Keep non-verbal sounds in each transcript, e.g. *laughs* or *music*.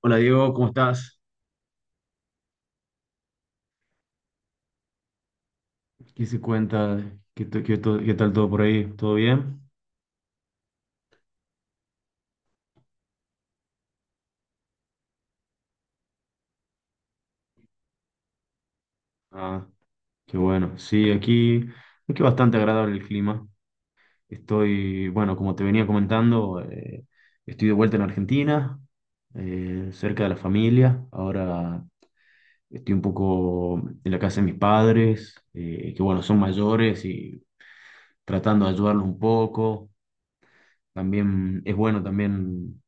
Hola Diego, ¿cómo estás? ¿Qué se cuenta? ¿Qué tal todo por ahí? ¿Todo bien? Ah, qué bueno. Sí, aquí bastante agradable el clima. Estoy, bueno, como te venía comentando, estoy de vuelta en Argentina, cerca de la familia. Ahora estoy un poco en la casa de mis padres, que bueno, son mayores y tratando de ayudarlos un poco. También es bueno también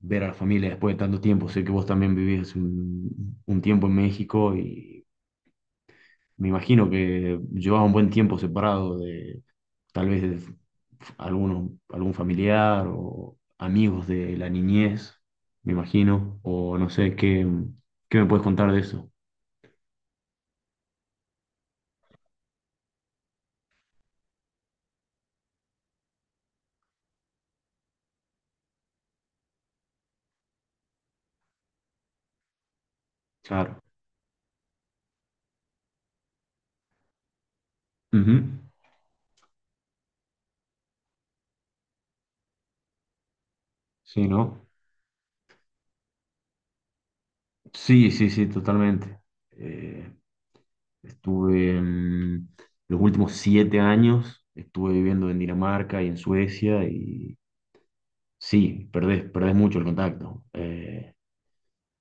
ver a la familia después de tanto tiempo. Sé que vos también vivís un tiempo en México y me imagino que llevabas un buen tiempo separado de tal vez de algún familiar o amigos de la niñez, me imagino, o no sé, ¿qué me puedes contar de eso? Claro. Ujú. Sí, ¿no? Sí, sí, sí, totalmente. Eh, estuve los últimos 7 años, estuve viviendo en Dinamarca y en Suecia. Y sí, perdés mucho el contacto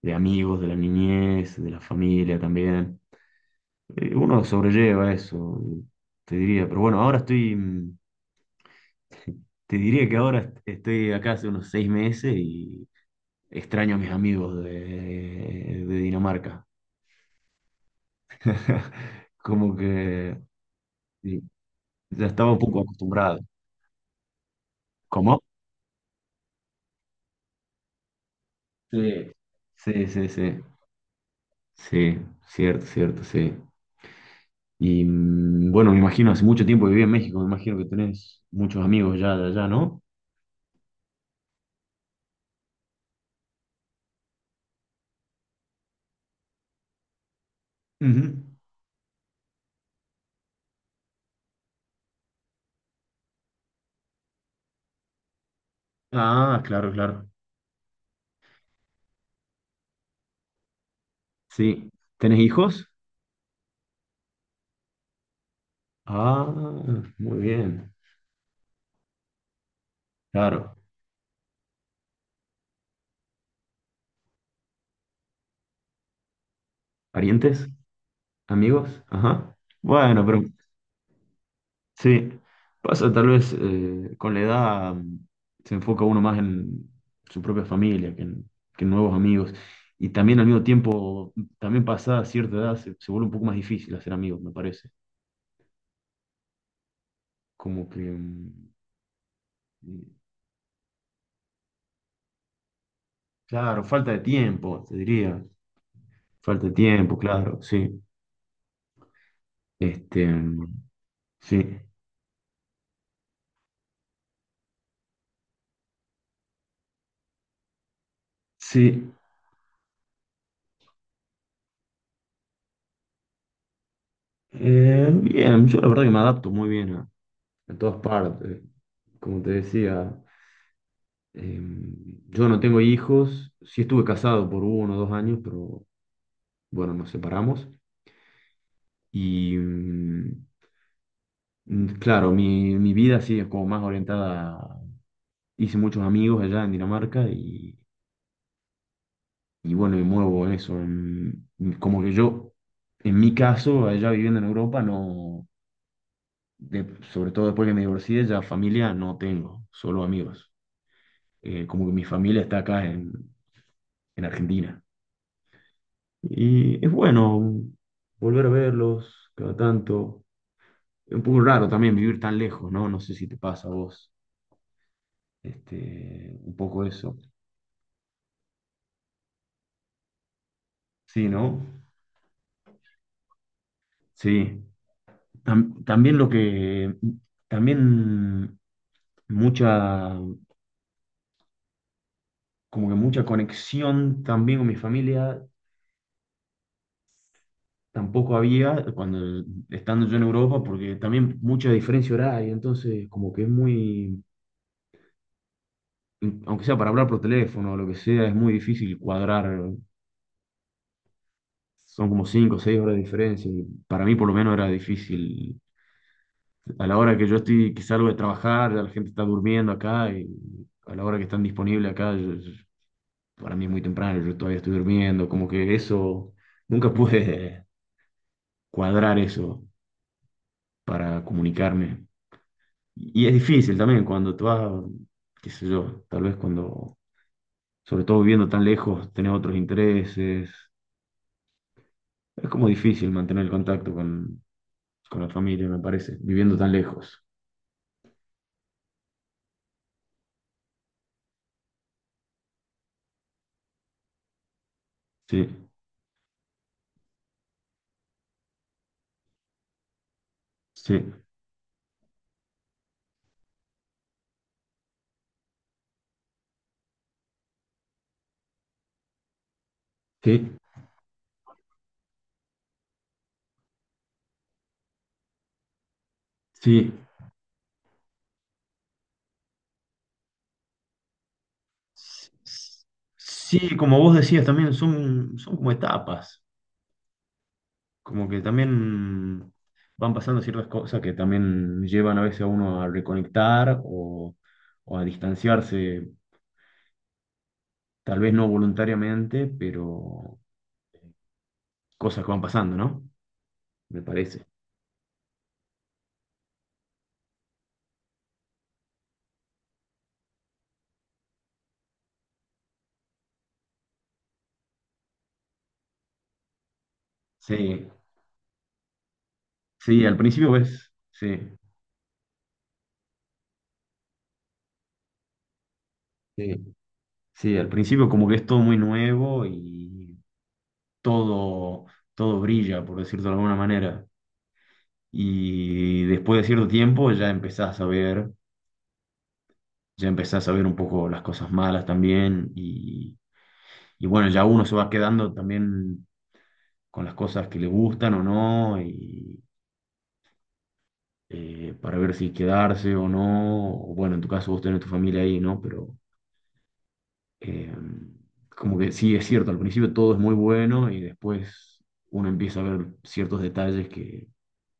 de amigos, de la niñez, de la familia también. Uno sobrelleva eso, te diría. Pero bueno, ahora estoy, te diría que ahora estoy acá hace unos 6 meses y extraño a mis amigos de Dinamarca. *laughs* Como que sí, ya estaba un poco acostumbrado. ¿Cómo? Sí. Sí, sí, sí. Sí, cierto, cierto, sí. Y bueno, me imagino, hace mucho tiempo que viví en México, me imagino que tenés muchos amigos ya de allá, ¿no? Ujú. Ah, claro, claro. Sí. ¿Tenés hijos? Ah, muy bien. Claro. ¿Parientes? ¿Amigos? Ajá. Bueno, pero sí. Pasa tal vez con la edad, se enfoca uno más en su propia familia que en nuevos amigos. Y también al mismo tiempo, también pasada cierta edad, se vuelve un poco más difícil hacer amigos, me parece. Como que... mm, Mm. Claro, falta de tiempo, te diría. Falta de tiempo, claro, sí. Este, sí, sí. Bien, yo la verdad que me adapto muy bien a todas partes. Como te decía, eh, yo no tengo hijos. Sí estuve casado por 1 o 2 años, pero bueno, nos separamos. Y claro, mi vida sí es como más orientada. Hice muchos amigos allá en Dinamarca y bueno, me muevo en eso. Como que yo, en mi caso, allá viviendo en Europa, no, de- sobre todo después que me divorcié, ya familia no tengo, solo amigos. Como que mi familia está acá en Argentina. Y es bueno volver a verlos cada tanto. Es un poco raro también vivir tan lejos, ¿no? No sé si te pasa a vos. Este, un poco eso. Sí, ¿no? Sí. También lo que, también mucha como que mucha conexión también con mi familia tampoco había cuando estando yo en Europa, porque también mucha diferencia horaria, entonces como que es muy, aunque sea para hablar por teléfono o lo que sea, es muy difícil cuadrar, son como 5 o 6 horas de diferencia, y para mí por lo menos era difícil. A la hora que yo estoy, que salgo de trabajar, ya la gente está durmiendo acá, y a la hora que están disponibles acá, para mí es muy temprano, yo todavía estoy durmiendo, como que eso nunca *laughs* pude cuadrar eso para comunicarme. Y es difícil también cuando tú vas, qué sé yo, tal vez cuando, sobre todo viviendo tan lejos, tenés otros intereses. Es como difícil mantener el contacto con la familia, me parece, viviendo tan lejos. Sí, sí, sí, sí. Sí, como vos decías también, son como etapas. Como que también van pasando ciertas cosas que también llevan a veces a uno a reconectar o a distanciarse, tal vez no voluntariamente, pero cosas que van pasando, ¿no? Me parece. Sí, sí, al principio ves, sí. Sí, sí, al principio como que es todo muy nuevo y todo, todo brilla, por decirlo de alguna manera. Y después de cierto tiempo Ya empezás a ver un poco las cosas malas también y bueno, ya uno se va quedando también con las cosas que le gustan o no y para ver si quedarse o no, o bueno, en tu caso vos tenés tu familia ahí, ¿no? Pero eh, como que sí es cierto, al principio todo es muy bueno y después uno empieza a ver ciertos detalles que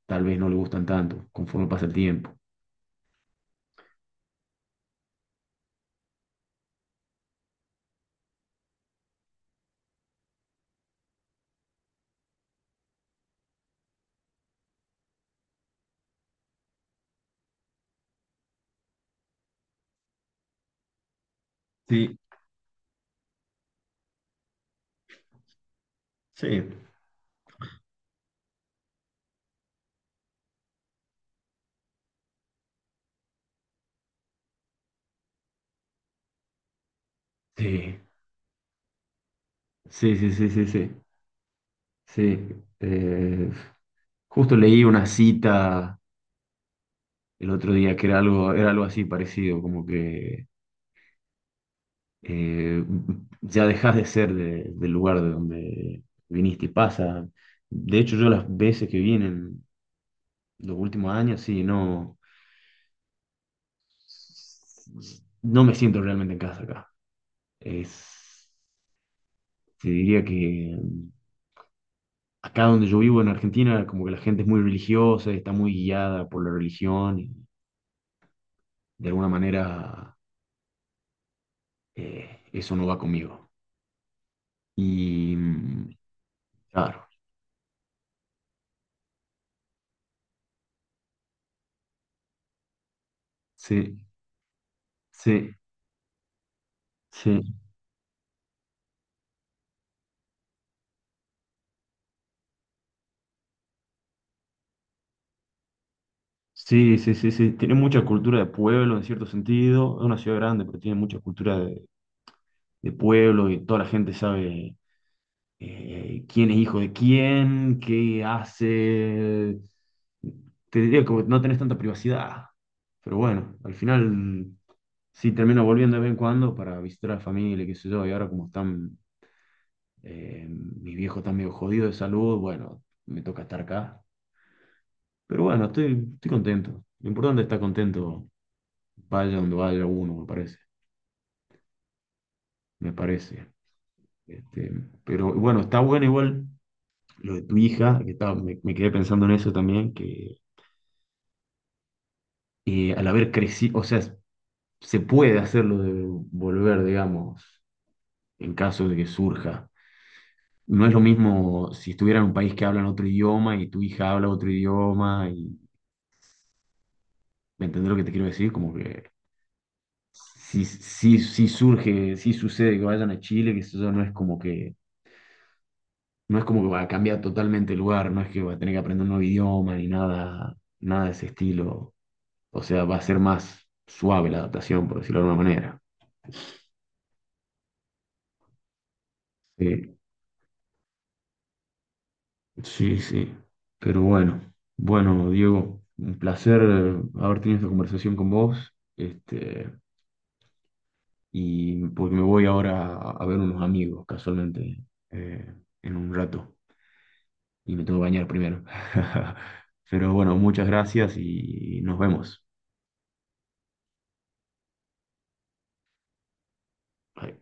tal vez no le gustan tanto conforme pasa el tiempo. Sí, sí. Sí, sí, sí, sí, sí, sí. Sí, eh, justo leí una cita el otro día que era algo así parecido, como que eh, ya dejas de ser del lugar de donde viniste y pasa. De hecho, yo las veces que vine en los últimos años, sí, no, no me siento realmente en casa acá. Es, te diría que, acá donde yo vivo en Argentina, como que la gente es muy religiosa, está muy guiada por la religión y de alguna manera eso no va conmigo. Y claro, sí, sí, sí, sí, sí, sí, sí. Tiene mucha cultura de pueblo en cierto sentido. Es una ciudad grande, pero tiene mucha cultura de pueblo y toda la gente sabe quién es hijo de quién, qué hace. Te diría como que no tenés tanta privacidad. Pero bueno, al final, sí termino volviendo de vez en cuando para visitar a la familia, qué sé yo, y ahora como están. Mi viejo está medio jodido de salud, bueno, me toca estar acá. Pero bueno, estoy contento. Lo importante es estar contento, vaya donde vaya uno, me parece. Me parece. Este, pero bueno, está bueno igual lo de tu hija, que estaba, me quedé pensando en eso también, que al haber crecido, o sea, se puede hacerlo de volver, digamos, en caso de que surja. No es lo mismo si estuviera en un país que hablan otro idioma y tu hija habla otro idioma y, ¿me entendés lo que te quiero decir? Como que sí, sí, sí surge, sí sucede que vayan a Chile, que eso no es como que va a cambiar totalmente el lugar, no es que va a tener que aprender un nuevo idioma ni nada, nada de ese estilo. O sea, va a ser más suave la adaptación, por decirlo de alguna manera. Sí, sí, sí. Pero bueno, Diego, un placer haber tenido esta conversación con vos. Este, y porque me voy ahora a ver unos amigos, casualmente, eh, en un rato. Y me tengo que bañar primero. *laughs* Pero bueno, muchas gracias y nos vemos. Bye.